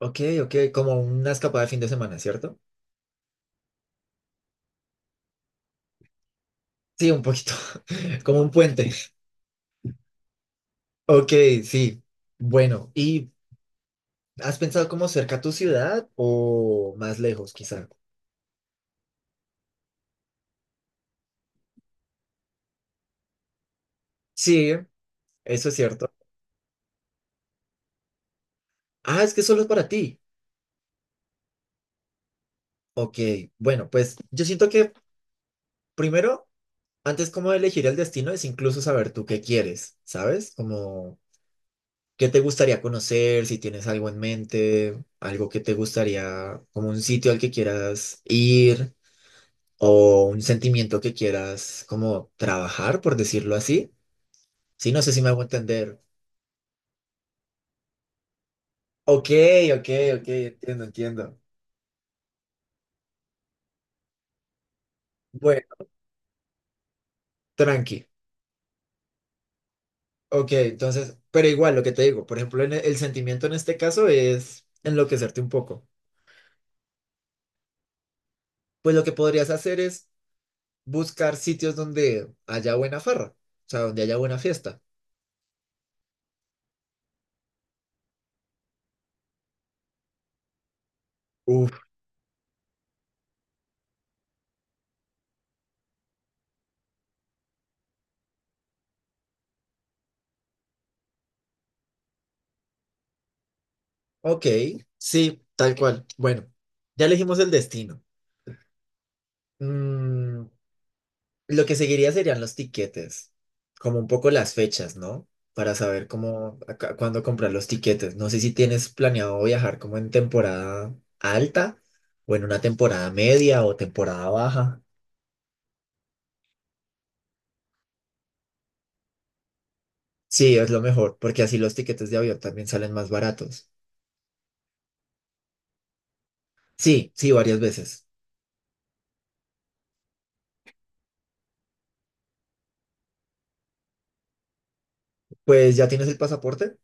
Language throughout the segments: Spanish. Ok, ok, como una escapada de fin de semana, ¿cierto? Sí, un poquito, como un puente. Ok, sí. Bueno, ¿y has pensado como cerca a tu ciudad o más lejos, quizá? Sí, eso es cierto. Ah, es que solo es para ti. Ok, bueno, pues yo siento que primero, antes como de elegir el destino, es incluso saber tú qué quieres, ¿sabes? Como qué te gustaría conocer, si tienes algo en mente, algo que te gustaría, como un sitio al que quieras ir, o un sentimiento que quieras como trabajar, por decirlo así. Sí, no sé si me hago entender. Ok, ok, ok, entiendo, entiendo. Bueno, tranqui. Ok, entonces, pero igual lo que te digo, por ejemplo, el sentimiento en este caso es enloquecerte un poco. Pues lo que podrías hacer es buscar sitios donde haya buena farra, o sea, donde haya buena fiesta. Uf, ok, sí, tal cual. Bueno, ya elegimos el destino. Mm, Lo que seguiría serían los tiquetes, como un poco las fechas, ¿no? Para saber cómo, cuándo comprar los tiquetes. No sé si tienes planeado viajar como en temporada alta o en una temporada media o temporada baja. Sí, es lo mejor, porque así los tiquetes de avión también salen más baratos. Sí, sí, varias veces. Pues ya tienes el pasaporte.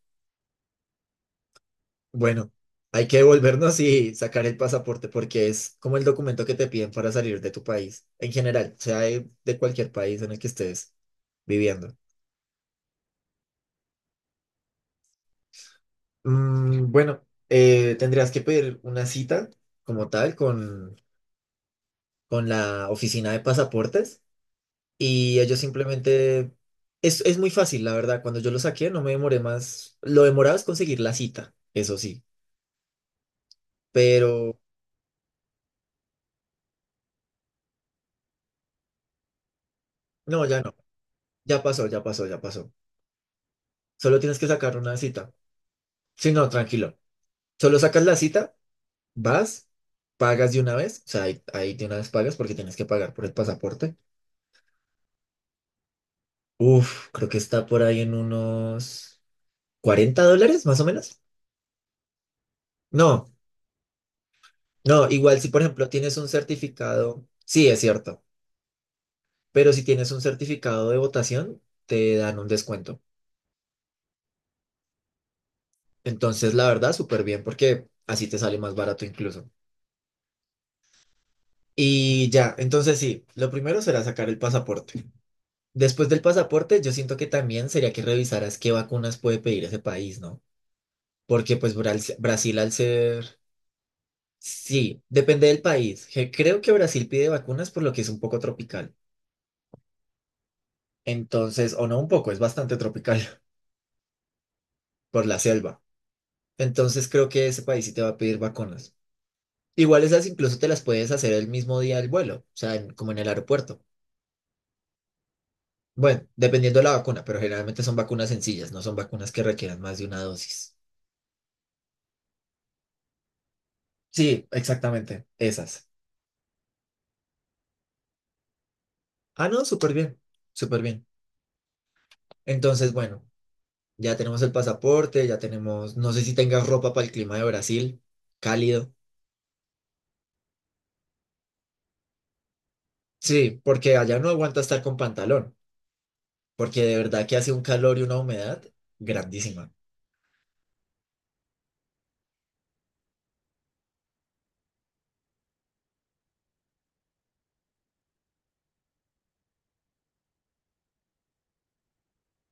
Bueno, hay que devolvernos y sacar el pasaporte porque es como el documento que te piden para salir de tu país, en general, sea de cualquier país en el que estés viviendo. Mm, bueno, tendrías que pedir una cita como tal con la oficina de pasaportes y ellos simplemente... es muy fácil, la verdad. Cuando yo lo saqué no me demoré más. Lo demorado es conseguir la cita, eso sí. Pero no, ya no. Ya pasó, ya pasó, ya pasó. Solo tienes que sacar una cita. Sí, no, tranquilo. Solo sacas la cita, vas, pagas de una vez. O sea, ahí, ahí de una vez pagas porque tienes que pagar por el pasaporte. Uf, creo que está por ahí en unos $40, más o menos. No, no, igual si por ejemplo tienes un certificado, sí, es cierto, pero si tienes un certificado de votación, te dan un descuento. Entonces, la verdad, súper bien porque así te sale más barato incluso. Y ya, entonces sí, lo primero será sacar el pasaporte. Después del pasaporte, yo siento que también sería que revisaras qué vacunas puede pedir ese país, ¿no? Porque pues Brasil al ser... Sí, depende del país. Creo que Brasil pide vacunas por lo que es un poco tropical. Entonces, o no un poco, es bastante tropical por la selva. Entonces creo que ese país sí te va a pedir vacunas. Igual esas incluso te las puedes hacer el mismo día del vuelo, o sea, como en el aeropuerto. Bueno, dependiendo de la vacuna, pero generalmente son vacunas sencillas, no son vacunas que requieran más de una dosis. Sí, exactamente, esas. Ah, no, súper bien, súper bien. Entonces, bueno, ya tenemos el pasaporte, ya tenemos, no sé si tengas ropa para el clima de Brasil, cálido. Sí, porque allá no aguanta estar con pantalón, porque de verdad que hace un calor y una humedad grandísima.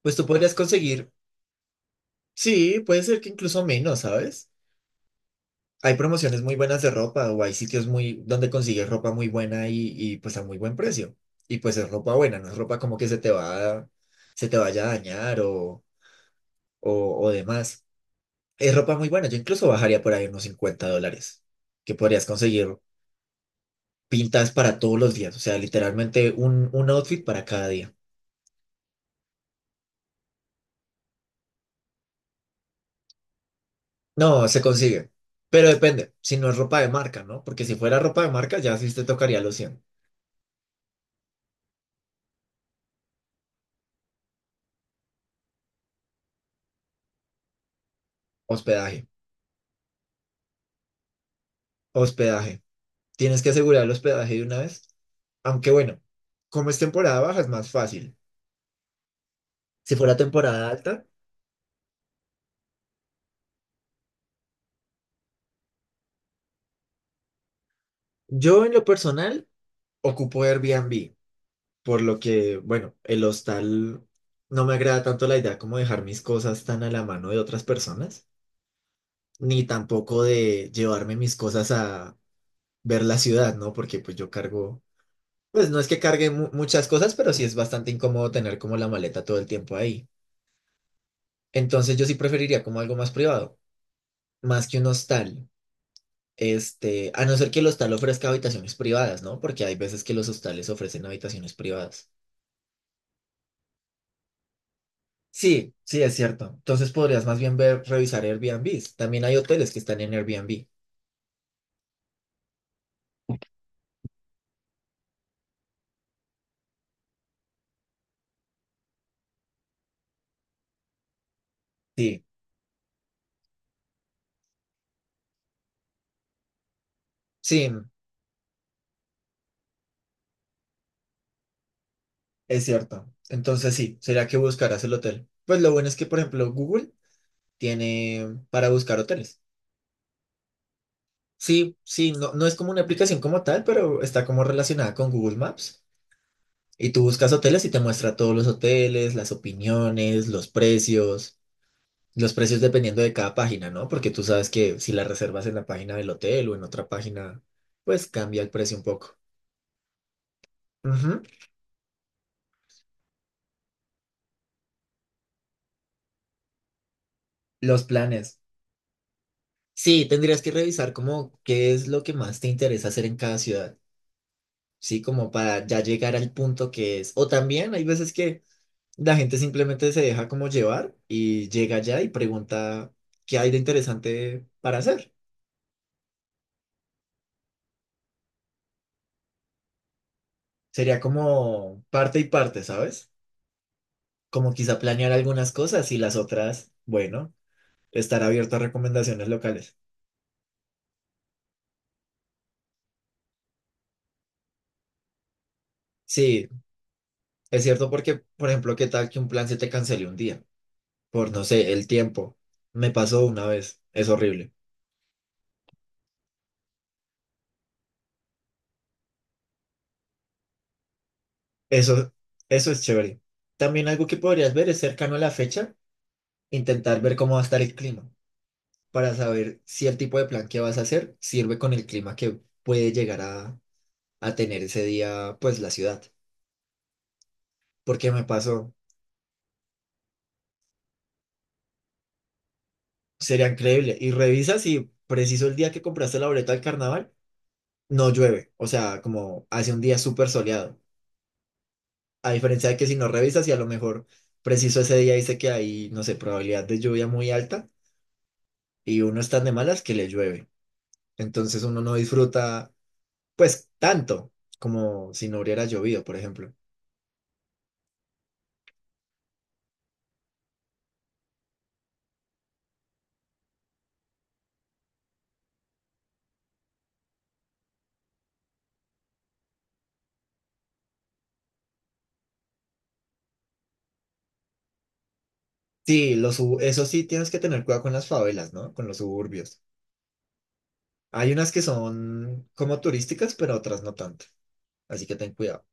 Pues tú podrías conseguir, sí, puede ser que incluso menos, ¿sabes? Hay promociones muy buenas de ropa o hay sitios muy donde consigues ropa muy buena y pues a muy buen precio. Y pues es ropa buena, no es ropa como que se te va, se te vaya a dañar o, o demás. Es ropa muy buena. Yo incluso bajaría por ahí unos $50, que podrías conseguir pintas para todos los días. O sea, literalmente un outfit para cada día. No, se consigue. Pero depende, si no es ropa de marca, ¿no? Porque si fuera ropa de marca, ya sí te tocaría los 100. Hospedaje, hospedaje. Tienes que asegurar el hospedaje de una vez. Aunque bueno, como es temporada baja, es más fácil. Si fuera temporada alta, yo en lo personal ocupo Airbnb, por lo que, bueno, el hostal no me agrada tanto la idea como dejar mis cosas tan a la mano de otras personas, ni tampoco de llevarme mis cosas a ver la ciudad, ¿no? Porque pues yo cargo, pues no es que cargue muchas cosas, pero sí es bastante incómodo tener como la maleta todo el tiempo ahí. Entonces yo sí preferiría como algo más privado, más que un hostal. Este, a no ser que el hostal ofrezca habitaciones privadas, ¿no? Porque hay veces que los hostales ofrecen habitaciones privadas. Sí, sí, es cierto. Entonces podrías más bien ver, revisar Airbnb. También hay hoteles que están en Airbnb. Sí, sí, es cierto. Entonces sí, sería que buscarás el hotel. Pues lo bueno es que, por ejemplo, Google tiene para buscar hoteles. Sí, sí, no, no es como una aplicación como tal, pero está como relacionada con Google Maps. Y tú buscas hoteles y te muestra todos los hoteles, las opiniones, los precios. Los precios dependiendo de cada página, ¿no? Porque tú sabes que si la reservas en la página del hotel o en otra página, pues cambia el precio un poco. Ujú. Los planes. Sí, tendrías que revisar como qué es lo que más te interesa hacer en cada ciudad, ¿sí? Como para ya llegar al punto que es. O también hay veces que la gente simplemente se deja como llevar y llega allá y pregunta qué hay de interesante para hacer. Sería como parte y parte, ¿sabes? Como quizá planear algunas cosas y las otras, bueno, estar abierto a recomendaciones locales. Sí, es cierto porque, por ejemplo, ¿qué tal que un plan se te cancele un día? Por, no sé, el tiempo. Me pasó una vez, es horrible. Eso, eso es chévere. También algo que podrías ver es cercano a la fecha, intentar ver cómo va a estar el clima, para saber si el tipo de plan que vas a hacer sirve con el clima que puede llegar a tener ese día, pues la ciudad. Porque me pasó, sería increíble. Y revisa si preciso el día que compraste la boleta del carnaval no llueve, o sea, como hace un día súper soleado. A diferencia de que si no revisas y a lo mejor preciso ese día dice que hay, no sé, probabilidad de lluvia muy alta y uno está de malas que le llueve. Entonces uno no disfruta, pues, tanto como si no hubiera llovido, por ejemplo. Sí, eso sí, tienes que tener cuidado con las favelas, ¿no? Con los suburbios. Hay unas que son como turísticas, pero otras no tanto. Así que ten cuidado.